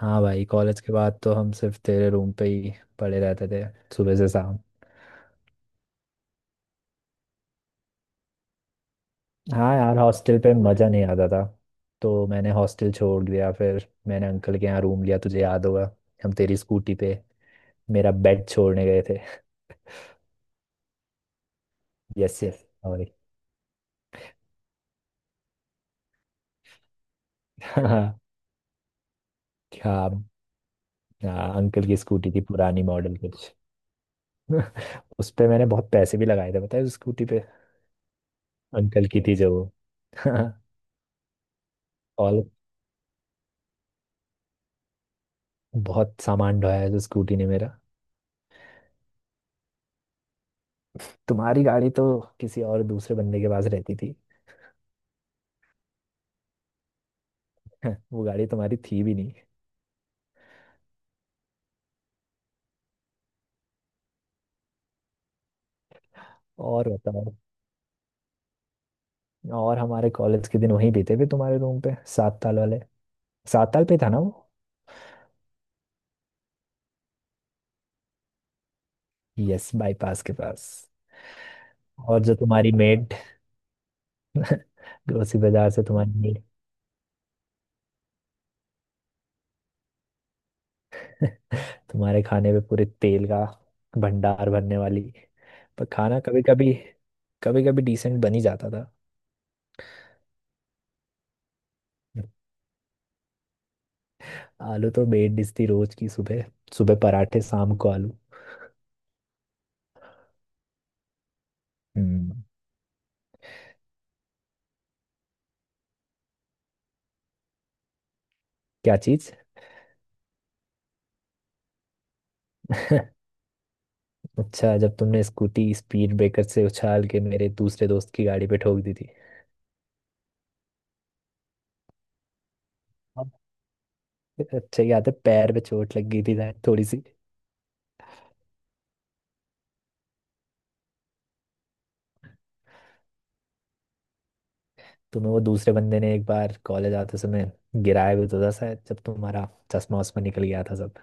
हाँ भाई, कॉलेज के बाद तो हम सिर्फ तेरे रूम पे ही पड़े रहते थे। सुबह से शाम। हाँ यार, हॉस्टल पे मज़ा नहीं आता था। तो मैंने हॉस्टल छोड़ दिया, फिर मैंने अंकल के यहाँ रूम लिया। तुझे याद होगा, हम तेरी स्कूटी पे मेरा बेड छोड़ने गए थे। Yes yes, sorry. हाँ। क्या। हाँ, अंकल की स्कूटी थी, पुरानी मॉडल कुछ। उस पे मैंने बहुत पैसे भी लगाए थे पता है, उस स्कूटी पे। अंकल की थी जो वो। और बहुत सामान ढोया है जो स्कूटी ने मेरा। तुम्हारी गाड़ी तो किसी और दूसरे बंदे के पास रहती थी। वो गाड़ी तुम्हारी थी भी नहीं। और बताओ। और हमारे कॉलेज के दिन वहीं बीते थे तुम्हारे रूम पे, सात ताल वाले। सात ताल पे था ना वो? यस, बाईपास के पास। और जो तुम्हारी मेड, ग्रोसरी बाजार से तुम्हारी मेड। तुम्हारे खाने पे पूरे तेल का भंडार भरने वाली। पर खाना कभी कभी, कभी कभी डिसेंट बन ही जाता था। आलू तो बेड डिश थी रोज की। सुबह सुबह पराठे, शाम को आलू। हम्म। क्या चीज? अच्छा, जब तुमने स्कूटी स्पीड ब्रेकर से उछाल के मेरे दूसरे दोस्त की गाड़ी पे ठोक दी थी। हाँ। अच्छा, याद है पैर पे चोट लग गई थी शायद थोड़ी सी। तुम्हें वो दूसरे बंदे ने एक बार कॉलेज आते समय गिराया भी तो था शायद, जब तुम्हारा चश्मा वश्मा निकल गया था सब।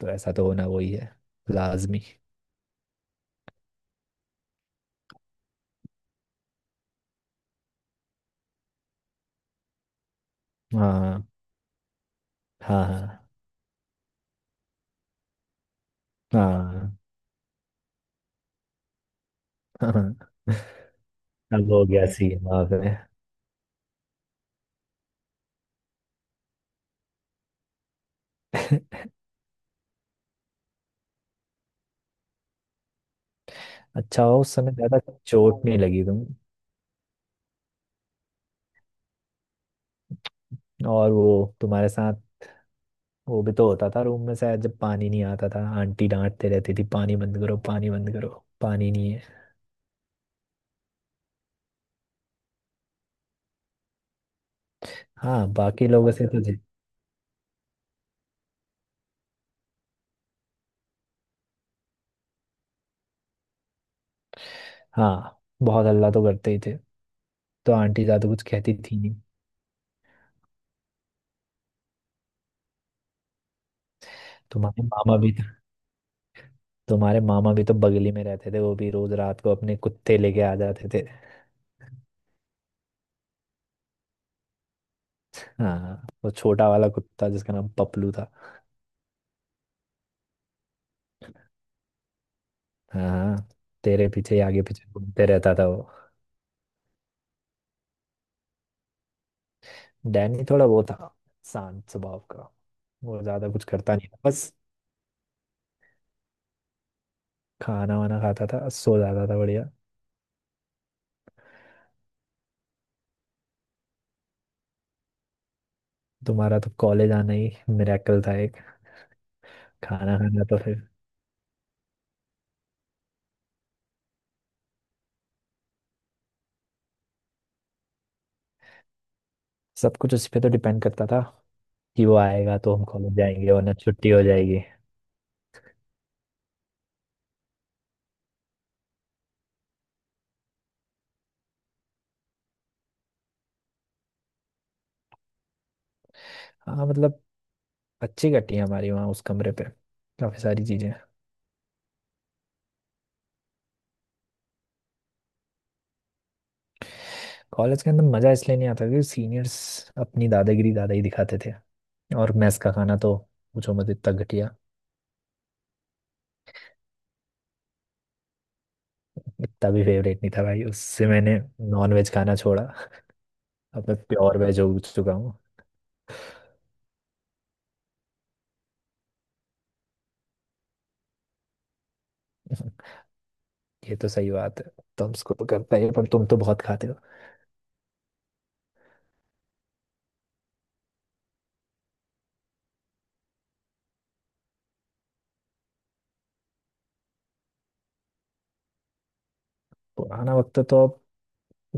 तो ऐसा तो होना वही है, लाजमी। हाँ हाँ हाँ हाँ। हाँ। अब हो गया सीन वहाँ पे। अच्छा हो उस समय ज्यादा चोट नहीं लगी तुम। और वो तुम्हारे साथ, वो भी तो होता था रूम में शायद, जब पानी नहीं आता था आंटी डांटते रहती थी, पानी बंद करो पानी बंद करो, पानी नहीं है। हाँ, बाकी लोगों से तो जी। हाँ, बहुत हल्ला तो करते ही थे। तो आंटी ज्यादा कुछ कहती थी नहीं। तुम्हारे मामा भी तुम्हारे मामा भी तो बगली में रहते थे, वो भी रोज रात को अपने कुत्ते लेके आ जाते थे। हाँ, वो छोटा वाला कुत्ता जिसका नाम पपलू था। हाँ, तेरे पीछे ही आगे पीछे घूमते रहता था वो। डैनी थोड़ा वो था, शांत स्वभाव का। वो ज्यादा कुछ करता नहीं था बस। खाना वाना खाता था, सो जाता था, बढ़िया। तुम्हारा तो कॉलेज आना ही मिरेकल था एक। खाना खाना तो फिर। सब कुछ उस पे तो डिपेंड करता था, कि वो आएगा तो हम कॉलेज जाएंगे, वरना छुट्टी हो जाएगी। हाँ मतलब, अच्छी कटी है हमारी वहाँ उस कमरे पे, काफ़ी सारी चीज़ें। कॉलेज के अंदर मज़ा इसलिए नहीं आता क्योंकि सीनियर्स अपनी दादागिरी दादा ही दिखाते थे। और मेस का खाना तो, पूछो मत, इतना घटिया। इतना भी फेवरेट नहीं था भाई, उससे मैंने नॉन वेज खाना छोड़ा। अब मैं प्योर वेज हो चुका हूँ। ये तो सही बात है। तुम स्कूल करते ही हो, पर तुम तो बहुत खाते हो। पुराना वक्त तो अब,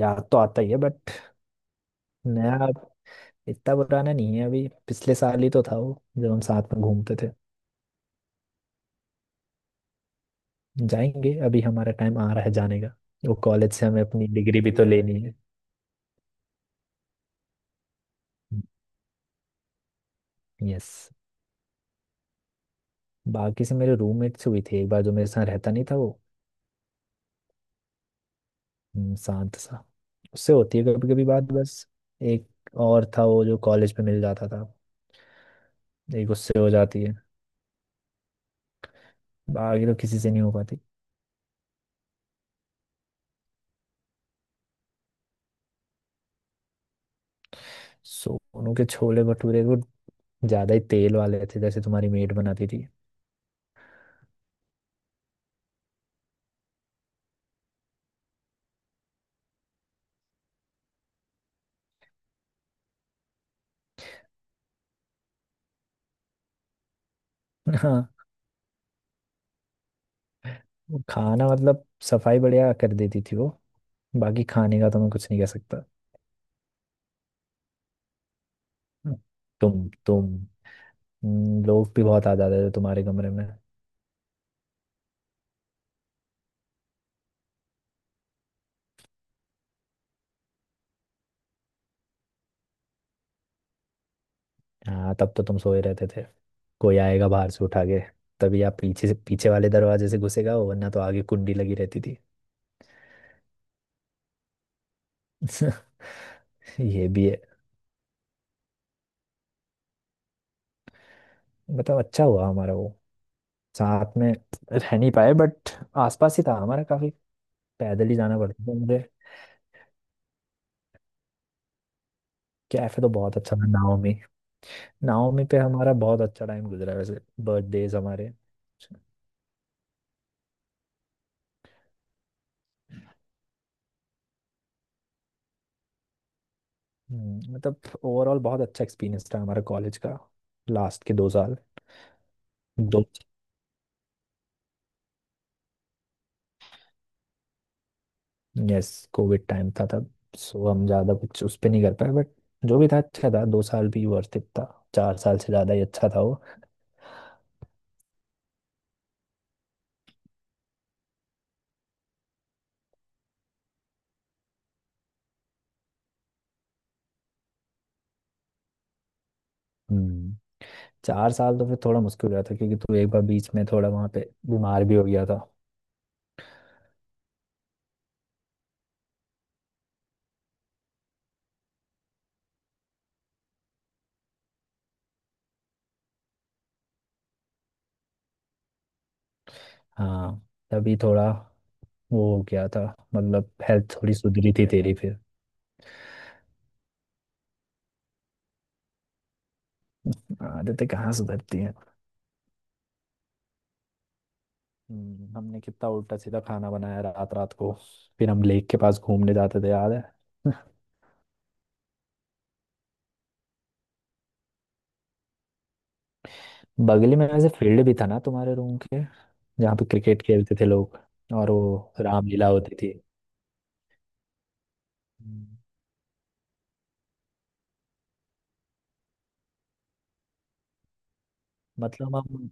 याद तो आता ही है बट, नया अब। इतना पुराना नहीं है, अभी पिछले साल ही तो था वो, जब हम साथ में घूमते थे। जाएंगे, अभी हमारा टाइम आ रहा है जाने का। वो कॉलेज से हमें अपनी डिग्री भी तो लेनी है। यस, बाकी से मेरे रूममेट से हुई थी एक बार, जो मेरे साथ रहता नहीं था वो। शांत सा। उससे होती है कभी कभी बात बस। एक और था वो जो कॉलेज में मिल जाता था, एक उससे हो जाती है। बाकी तो किसी से नहीं हो पाती। सोनू के छोले भटूरे वो ज्यादा ही तेल वाले थे, जैसे तुम्हारी मेट बनाती थी। हाँ वो खाना मतलब, सफाई बढ़िया कर देती थी वो। बाकी खाने का तो मैं कुछ नहीं कह सकता। हम्म, तुम लोग भी बहुत आ जाते थे तुम्हारे कमरे में। हाँ, तब तो तुम सोए रहते थे। कोई आएगा बाहर से उठा के, तभी आप पीछे से पीछे वाले दरवाजे से घुसेगा, वरना तो आगे कुंडी लगी रहती थी। ये भी है। मतलब अच्छा हुआ हमारा वो, साथ में रह नहीं पाए बट आसपास ही था हमारा, काफी। पैदल ही जाना पड़ता था मुझे। कैफे तो बहुत अच्छा था, नाओमी। नाओमी पे हमारा बहुत अच्छा टाइम गुजरा है वैसे, बर्थडेज हमारे। मतलब ओवरऑल बहुत अच्छा एक्सपीरियंस था हमारा कॉलेज का, लास्ट के दो साल। दो यस, कोविड टाइम था तब, सो हम ज़्यादा कुछ उस पर नहीं कर पाए बट, जो भी था अच्छा था। दो साल भी वर्थ इट था, चार साल से ज़्यादा ही अच्छा था वो। हम्म। चार साल तो फिर थोड़ा मुश्किल हो गया था, क्योंकि तू एक बार बीच में थोड़ा वहाँ पे बीमार भी हो गया था। हाँ, तभी थोड़ा वो क्या था, मतलब हेल्थ थोड़ी सुधरी थी तेरी फिर। आदतें कहाँ सुधरती हैं। हमने कितना उल्टा सीधा खाना बनाया रात रात को। फिर हम लेक के पास घूमने जाते थे याद है। बगल में वैसे फील्ड भी था ना तुम्हारे रूम के, जहाँ पे क्रिकेट खेलते थे लोग। और वो रामलीला होती थी। हम्म, मतलब हम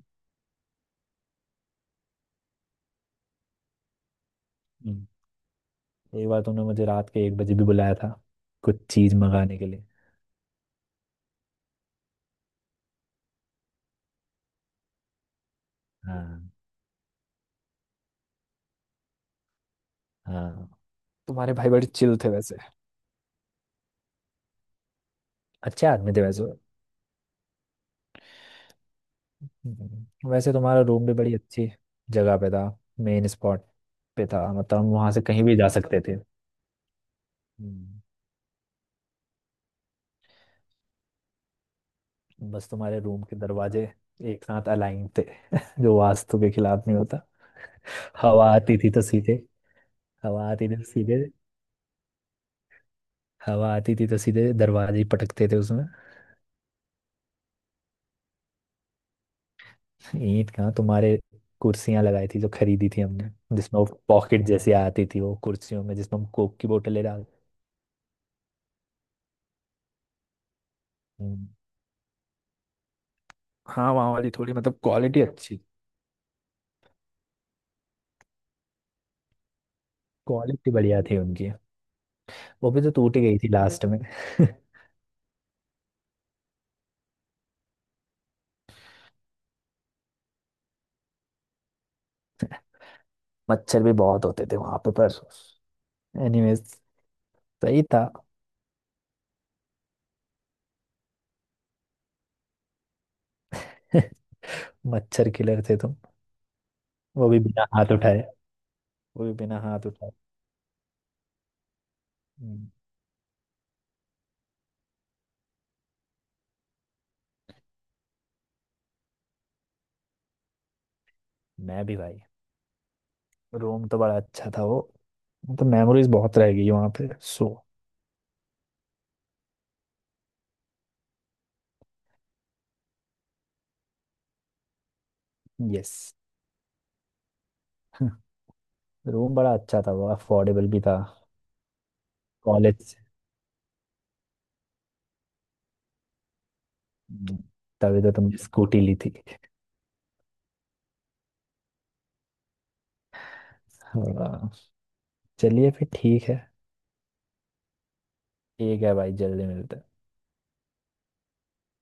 हम्म, एक बार तुमने मुझे रात के 1 बजे भी बुलाया था, कुछ चीज मंगाने के लिए। हाँ। हाँ, तुम्हारे भाई बड़े चिल थे वैसे। अच्छे आदमी थे वैसे। हम्म। वैसे तुम्हारा रूम भी बड़ी अच्छी जगह पे था, मेन स्पॉट पे था, मतलब हम वहां से कहीं भी जा सकते थे। हम्म। बस तुम्हारे रूम के दरवाजे एक साथ अलाइन थे, जो वास्तु के खिलाफ नहीं होता। हवा आती थी तो सीधे हवा आती थी तो सीधे हवा आती थी तो सीधे दरवाजे ही पटकते थे उसमें। ईंट कहाँ तुम्हारे, कुर्सियां लगाई थी जो खरीदी थी हमने। जिसमें वो पॉकेट जैसी आती थी वो कुर्सियों में, जिसमें हम कोक की बोतलें डाल। हम्म। हाँ, वहाँ वाली थोड़ी मतलब क्वालिटी अच्छी। क्वालिटी बढ़िया थी उनकी। वो भी तो टूट ही गई थी लास्ट में। मच्छर भी बहुत होते थे वहां पे। पर एनीवेज, सही था। मच्छर किलर थे तुम। वो भी बिना हाथ उठाए, वो भी बिना हाथ उठाए। हम्म, मैं भी भाई। रूम तो बड़ा अच्छा था वो, तो मेमोरीज बहुत रह गई वहां पे, सो। यस, रूम बड़ा अच्छा था वो, अफोर्डेबल भी था। कॉलेज से। हम्म, तभी तो तुमने स्कूटी ली थी। हाँ, चलिए फिर ठीक है। ठीक है भाई, जल्दी मिलते हैं।